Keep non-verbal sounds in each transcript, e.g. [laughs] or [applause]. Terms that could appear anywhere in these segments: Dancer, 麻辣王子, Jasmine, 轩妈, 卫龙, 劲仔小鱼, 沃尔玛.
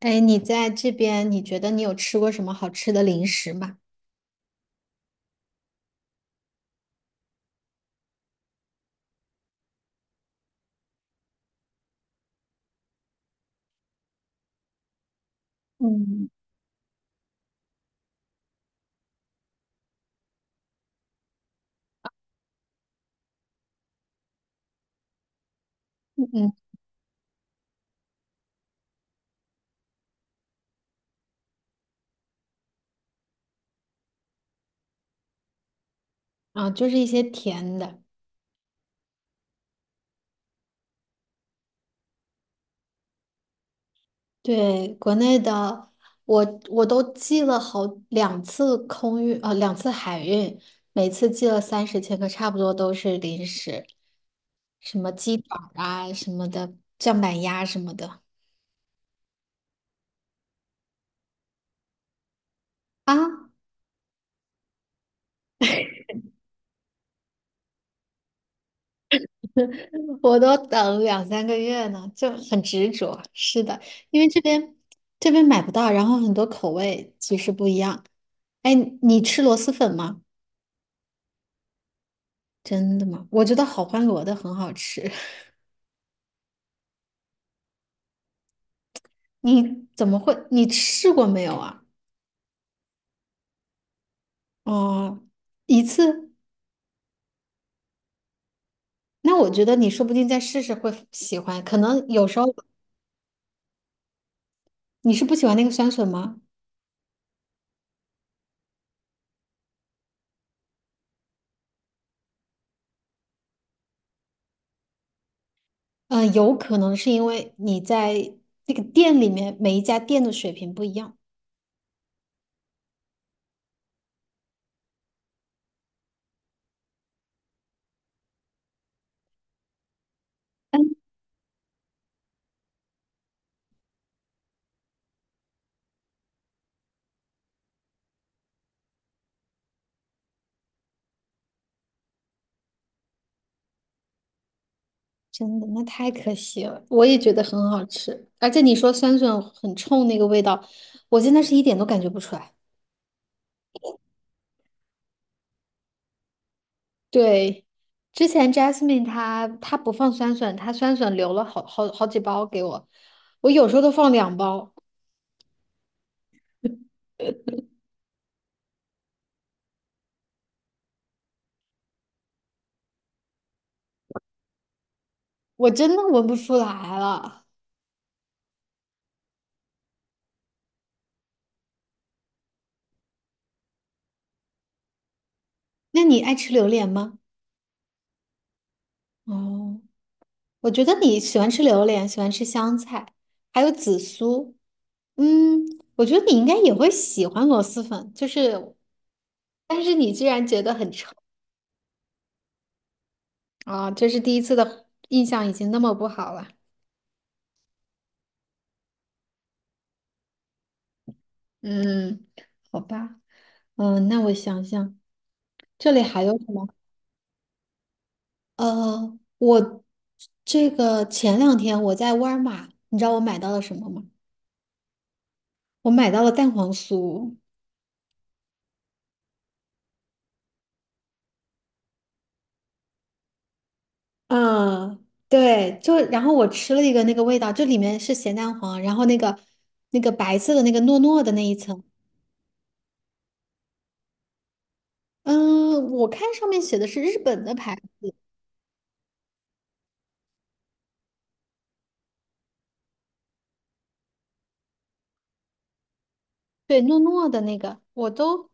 哎，你在这边，你觉得你有吃过什么好吃的零食吗？嗯嗯，嗯啊，就是一些甜的。对，国内的，我都寄了好两次空运，两次海运，每次寄了30千克，差不多都是零食，什么鸡爪啊什么的，酱板鸭什么的。啊，[laughs] 我都等两三个月呢，就很执着。是的，因为这边买不到，然后很多口味其实不一样。哎，你吃螺蛳粉吗？真的吗？我觉得好欢螺的很好吃。[laughs] 你怎么会？你试过没有啊？哦，一次？那我觉得你说不定再试试会喜欢。可能有时候你是不喜欢那个酸笋吗？嗯、有可能是因为你在那个店里面每一家店的水平不一样。真的，那太可惜了。我也觉得很好吃，而且你说酸笋很冲那个味道，我真的是一点都感觉不出来。对，之前 Jasmine 她不放酸笋，她酸笋留了好几包给我，我有时候都放两包，我真的闻不出来了。那你爱吃榴莲吗？哦，我觉得你喜欢吃榴莲，喜欢吃香菜，还有紫苏。嗯，我觉得你应该也会喜欢螺蛳粉，就是，但是你居然觉得很臭。啊，这是第一次的印象已经那么不好了。嗯，好吧。嗯，那我想想，这里还有什么？我这个前两天我在沃尔玛，你知道我买到了什么吗？我买到了蛋黄酥。嗯，对，就然后我吃了一个那个味道，就里面是咸蛋黄，然后那个白色的那个糯糯的那一层。嗯，我看上面写的是日本的牌。对，诺诺的那个，我都，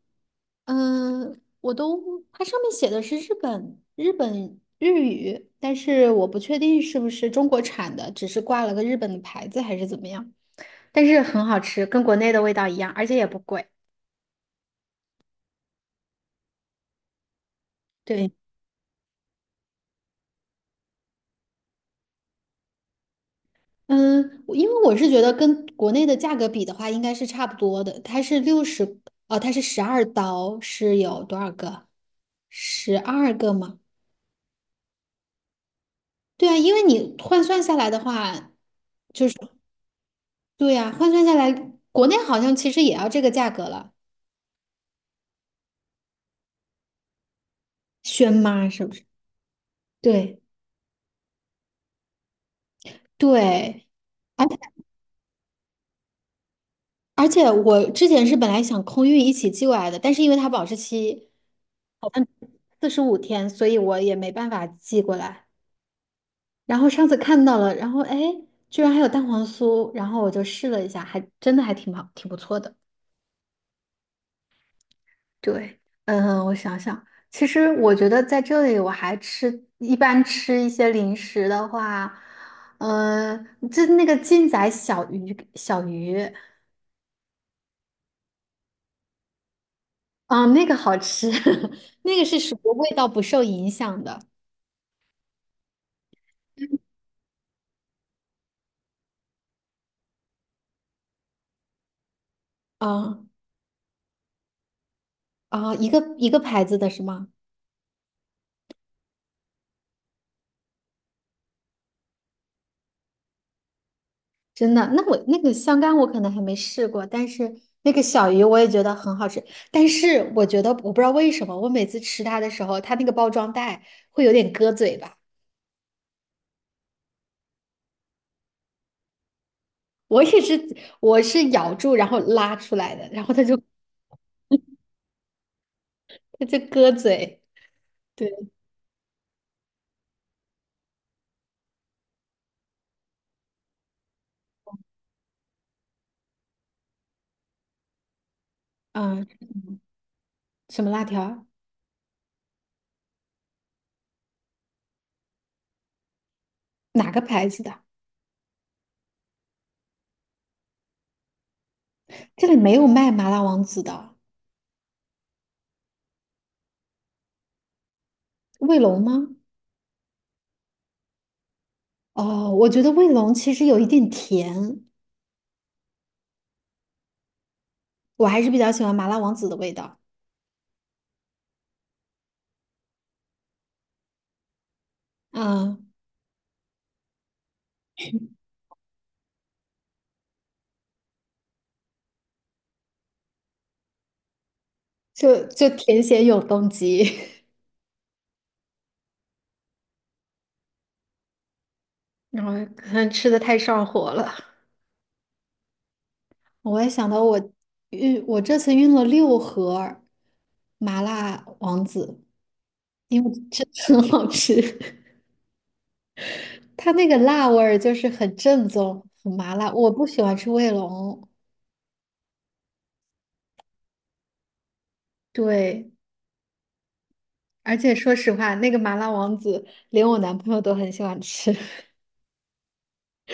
我都，它上面写的是日本日语，但是我不确定是不是中国产的，只是挂了个日本的牌子还是怎么样。但是很好吃，跟国内的味道一样，而且也不贵。对，嗯，我因为我是觉得跟国内的价格比的话，应该是差不多的。它是60，哦，它是12刀，是有多少个？12个吗？对啊，因为你换算下来的话。就是。对呀，换算下来，国内好像其实也要这个价格了。轩妈是不是？对对，而且而且我之前是本来想空运一起寄过来的，但是因为它保质期45天，所以我也没办法寄过来。然后上次看到了，然后哎，居然还有蛋黄酥，然后我就试了一下，还真的还挺好，挺不错的。对，嗯，我想想，其实我觉得在这里我还吃，一般吃一些零食的话，嗯，就那个劲仔小鱼，啊，那个好吃，[laughs] 那个是属于味道不受影响的，啊啊，一个一个牌子的是吗？真的，那我那个香干我可能还没试过，但是那个小鱼我也觉得很好吃，但是我觉得我不知道为什么，我每次吃它的时候，它那个包装袋会有点割嘴巴。我也是，我是咬住然后拉出来的，然后它就割嘴。对，嗯，什么辣条？哪个牌子的？这里没有卖麻辣王子的，卫龙吗？哦，我觉得卫龙其实有一点甜，我还是比较喜欢麻辣王子的味道。嗯，就甜咸永动机，[laughs] 然后可能吃的太上火了。我也想到我这次运了6盒麻辣王子，因为真的很好吃。它那个辣味儿就是很正宗，很麻辣。我不喜欢吃卫龙，对，而且说实话，那个麻辣王子连我男朋友都很喜欢吃，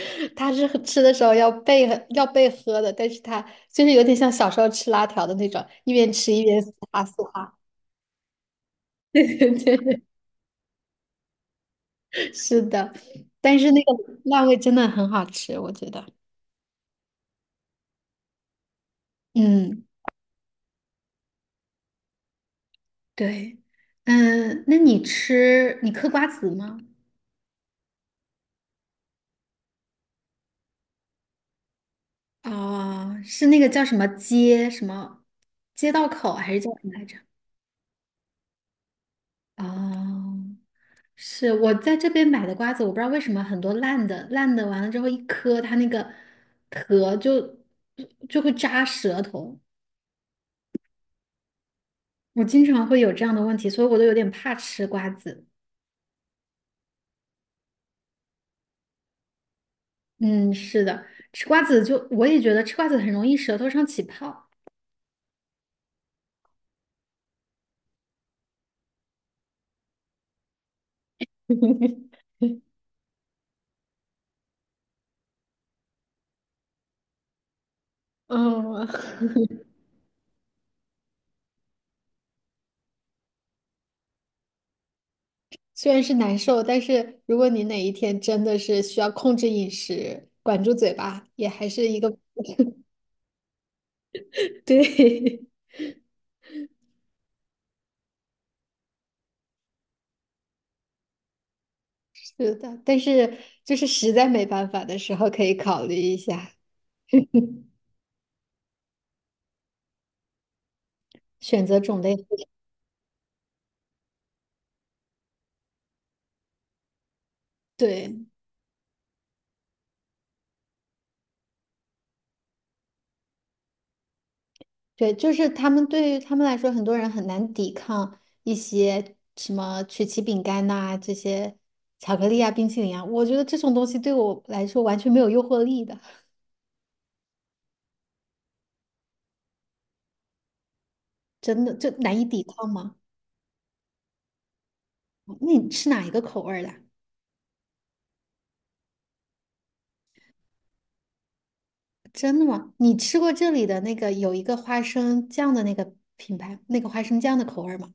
[laughs] 他是吃的时候要备喝的，但是他就是有点像小时候吃辣条的那种，一边吃一边嘶哈嘶哈。[laughs] 对对对，是的，但是那个辣味真的很好吃，我觉得。嗯，对，嗯，那你嗑瓜子吗？哦，是那个叫什么街什么街道口还是叫什么来着？哦，是我在这边买的瓜子，我不知道为什么很多烂的，烂的完了之后一磕，它那个壳就就会扎舌头，我经常会有这样的问题，所以我都有点怕吃瓜子。嗯，是的，吃瓜子就我也觉得吃瓜子很容易舌头上起泡。[laughs] 嗯，虽然是难受，但是如果你哪一天真的是需要控制饮食，管住嘴巴，也还是一个，[laughs] 对，[laughs] 是的，但是就是实在没办法的时候，可以考虑一下 [laughs] 选择种类。对，对，就是他们对于他们来说，很多人很难抵抗一些什么曲奇饼干呐、这些巧克力啊、冰淇淋啊，我觉得这种东西对我来说完全没有诱惑力的，真的就难以抵抗吗？那你吃哪一个口味儿的？真的吗？你吃过这里的那个有一个花生酱的那个品牌，那个花生酱的口味儿吗？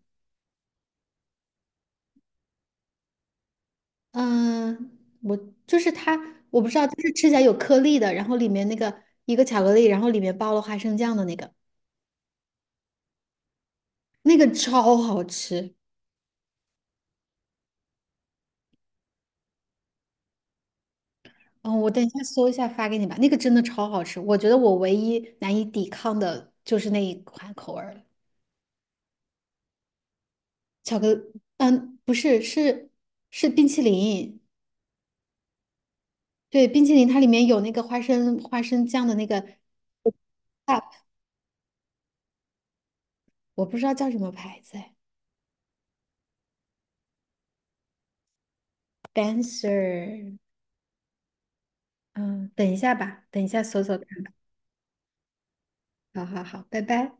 嗯，我就是它，我不知道，就是吃起来有颗粒的，然后里面那个一个巧克力，然后里面包了花生酱的那个，那个超好吃。嗯，我等一下搜一下发给你吧，那个真的超好吃。我觉得我唯一难以抵抗的就是那一款口味儿了，巧克力嗯，不是，是冰淇淋。对，冰淇淋它里面有那个花生酱的那个大我不知道叫什么牌子哎。Dancer,嗯，等一下吧，等一下搜搜看。好好好，拜拜。